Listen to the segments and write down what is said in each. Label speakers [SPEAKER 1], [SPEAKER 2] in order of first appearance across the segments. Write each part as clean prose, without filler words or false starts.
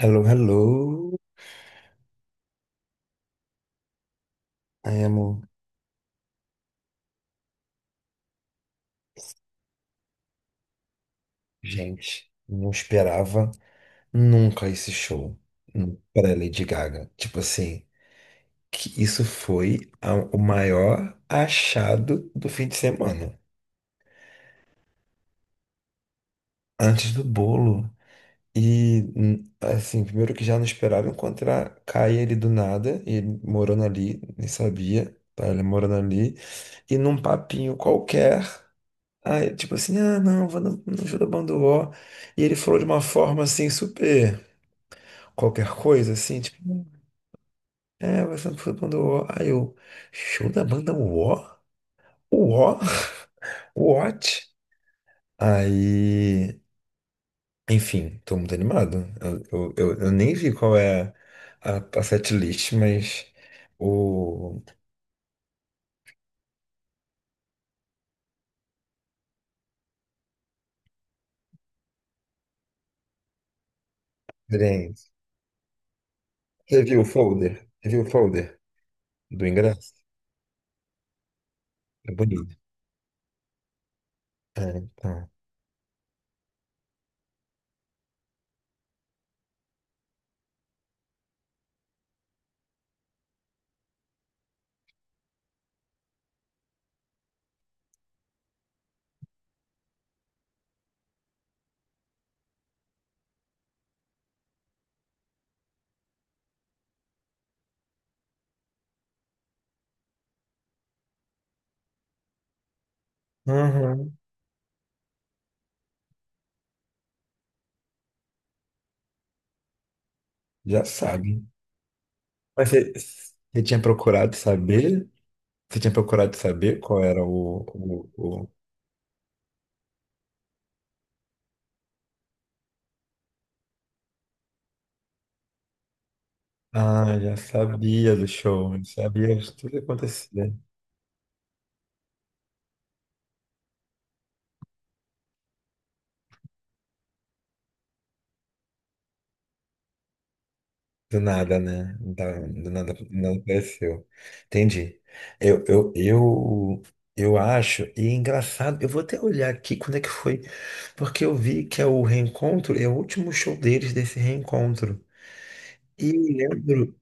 [SPEAKER 1] Hello, hello. I am... Gente, não esperava nunca esse show para Lady Gaga. Tipo assim, que isso foi o maior achado do fim de semana. Antes do bolo. E, assim, primeiro que já não esperaram encontrar Caia ele do nada, e ele morando ali, nem sabia, tá? Ele morando ali. E num papinho qualquer. Aí, tipo assim, ah, não, vou no show da banda UO. E ele falou de uma forma assim, super qualquer coisa, assim, tipo, é, vai ser no show da banda UO. Aí eu, show da banda UO? O U O? What? Aí, enfim, tô muito animado. Eu nem vi qual é a setlist, mas o. Bem, você viu o folder? Você viu o folder do ingresso? É bonito. É, então. Aham. Já sabe. Mas você tinha procurado saber? Você tinha procurado saber qual era o, ah, já sabia do show, já sabia de tudo que acontecia. Do nada, né? Do nada apareceu. Entendi. Eu, eu, eu, eu acho, e é engraçado, eu vou até olhar aqui quando é que foi, porque eu vi que é o reencontro, é o último show deles desse reencontro. E lembro,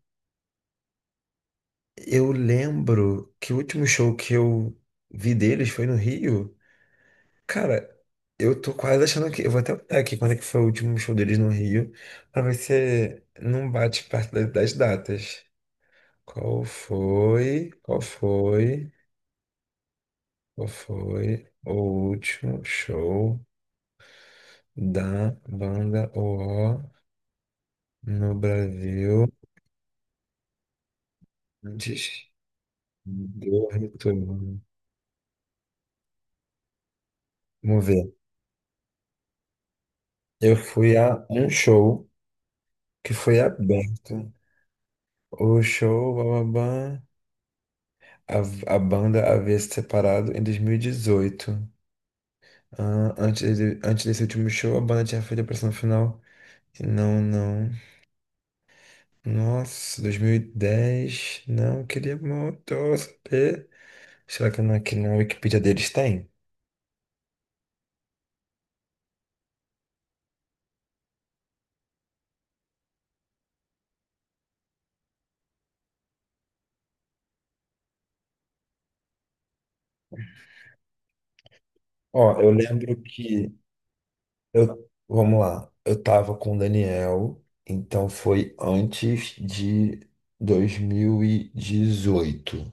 [SPEAKER 1] eu lembro que o último show que eu vi deles foi no Rio. Cara, eu tô quase achando que. Eu vou até olhar aqui quando é que foi o último show deles no Rio, pra ver se não bate perto das datas. Qual foi? Qual foi? Qual foi o último show da banda O no Brasil antes do retorno? Vamos ver. Eu fui a um show que foi aberto. O show, bababá. A banda havia se separado em 2018. Ah, antes, antes desse último show, a banda tinha feito a pressão final. Não, não. Nossa, 2010. Não, queria muito saber. Será que aqui na Wikipedia deles tem? Ó, eu lembro que. Eu, vamos lá. Eu tava com o Daniel, então foi antes de 2018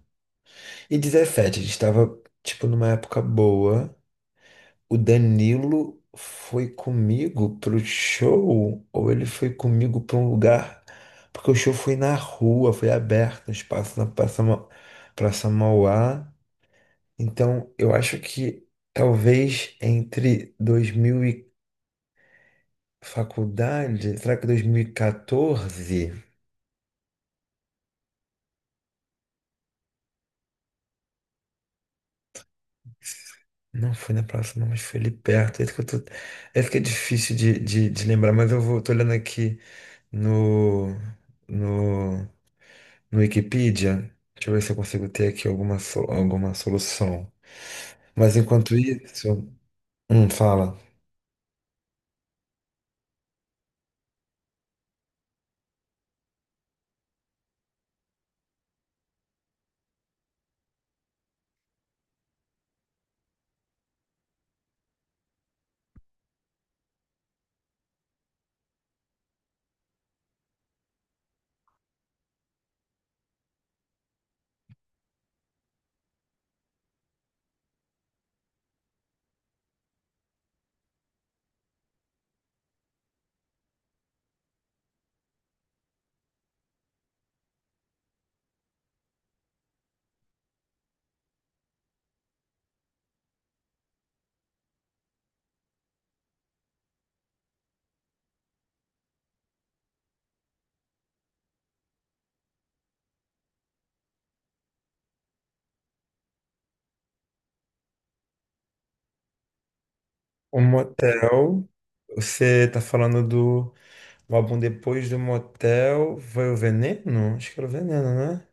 [SPEAKER 1] e 2017. A gente tava, tipo, numa época boa. O Danilo foi comigo pro show, ou ele foi comigo para um lugar, porque o show foi na rua, foi aberto, no espaço na Praça, Praça Mauá. Então, eu acho que talvez entre 2000 e faculdade, será que 2014? Não foi na próxima, mas foi ali perto. Esse que eu tô... Esse que é difícil de lembrar, mas eu vou, tô olhando aqui no, no no Wikipedia. Deixa eu ver se eu consigo ter aqui alguma, alguma solução. Mas enquanto isso, fala. O motel, você tá falando do o álbum depois do motel, foi o Veneno? Acho que era o Veneno, né?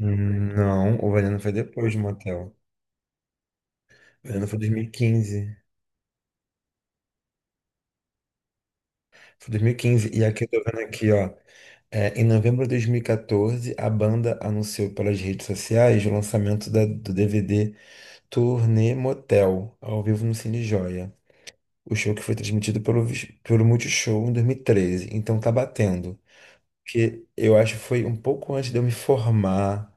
[SPEAKER 1] Não, o Veneno foi depois do motel. O Veneno foi 2015. Foi 2015. E quinze. E aqui eu tô vendo aqui, ó. É, em novembro de 2014, a banda anunciou pelas redes sociais o lançamento do DVD Turnê Motel, ao vivo no Cine Joia. O show que foi transmitido pelo, pelo Multishow em 2013. Então tá batendo. Que eu acho que foi um pouco antes de eu me formar.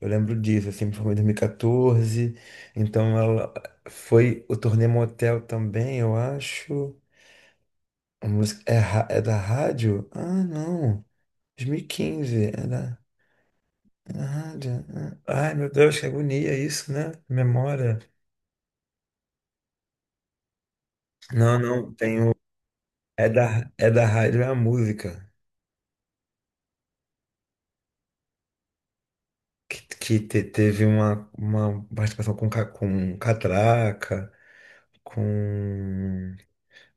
[SPEAKER 1] Eu lembro disso, assim, me formei em 2014. Então ela foi o Turnê Motel também, eu acho. A música é, é da rádio? Ah, não. 2015, é da rádio. Ah. Ai, meu Deus, que agonia isso, né? Memória. Não, não, tem. É da rádio, é a música que teve uma participação com, com Catraca, com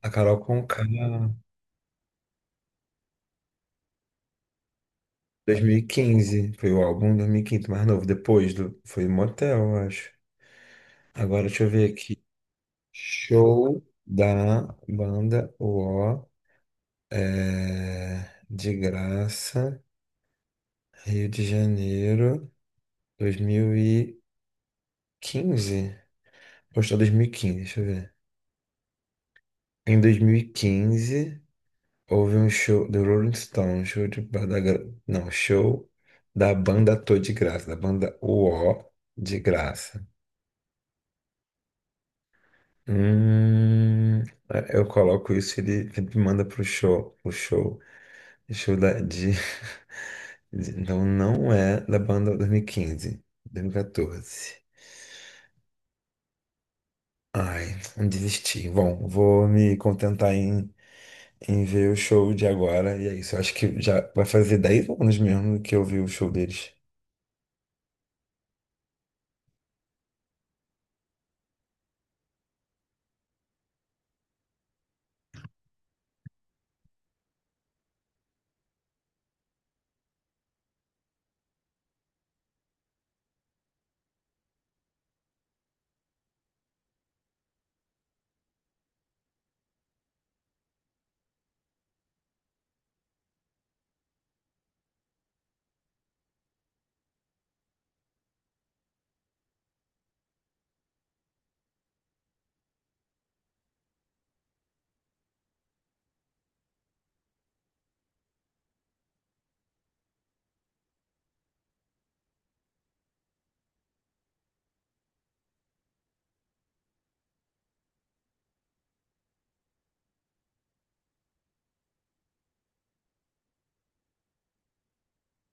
[SPEAKER 1] a Carol Conká, 2015, foi o álbum 2015 mais novo, depois do, foi Motel, eu acho. Agora deixa eu ver aqui, show da banda O é, de graça, Rio de Janeiro, 2015, postou 2015, deixa eu ver. Em 2015 houve um show do Rolling Stone, show de banda, não, show da banda Tô de Graça, da banda U O de Graça. Hum, eu coloco isso, ele manda pro show, o show, show da, de, então não é da banda dois mil e quinze, dois mil e 2014. Ai, desisti. Bom, vou me contentar em ver o show de agora. E é isso. Eu acho que já vai fazer 10 anos mesmo que eu vi o show deles.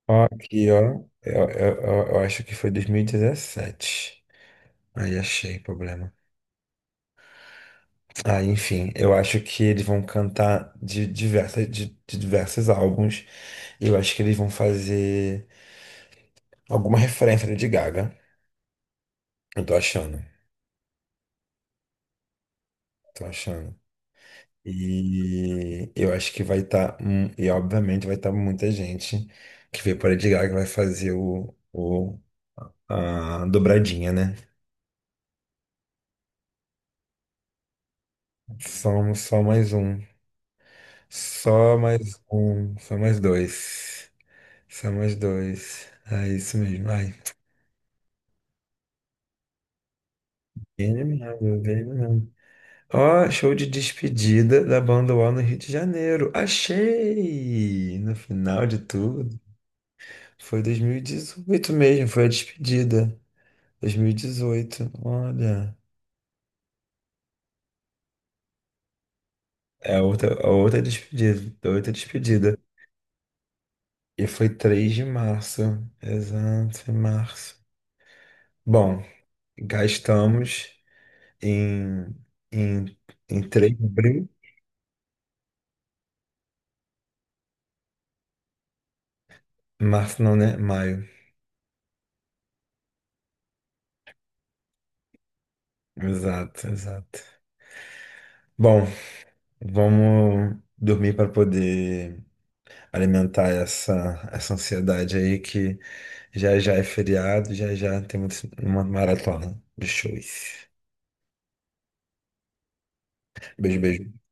[SPEAKER 1] Ó, aqui, ó. Eu acho que foi 2017. Aí achei problema. Ah, enfim, eu acho que eles vão cantar de, diversas, de diversos álbuns. E eu acho que eles vão fazer alguma referência de Gaga. Eu tô achando. Tô achando. E eu acho que vai estar, e obviamente vai estar muita gente que veio para Lady Gaga vai fazer o a dobradinha, né? Só, só mais um, só mais um, só mais dois, só mais dois. É isso mesmo. Ai, ele mesmo, ele mesmo. Ó, show de despedida da banda UOL no Rio de Janeiro. Achei! No final de tudo, foi 2018 mesmo, foi a despedida. 2018, olha. É a outra despedida, a outra despedida. E foi 3 de março, exato, em março. Bom, gastamos em, em, em 3 de abril, março não, né? Maio, exato, exato. Bom, vamos dormir para poder alimentar essa ansiedade aí que já já é feriado, já já temos uma maratona de shows. Beijo, beijo.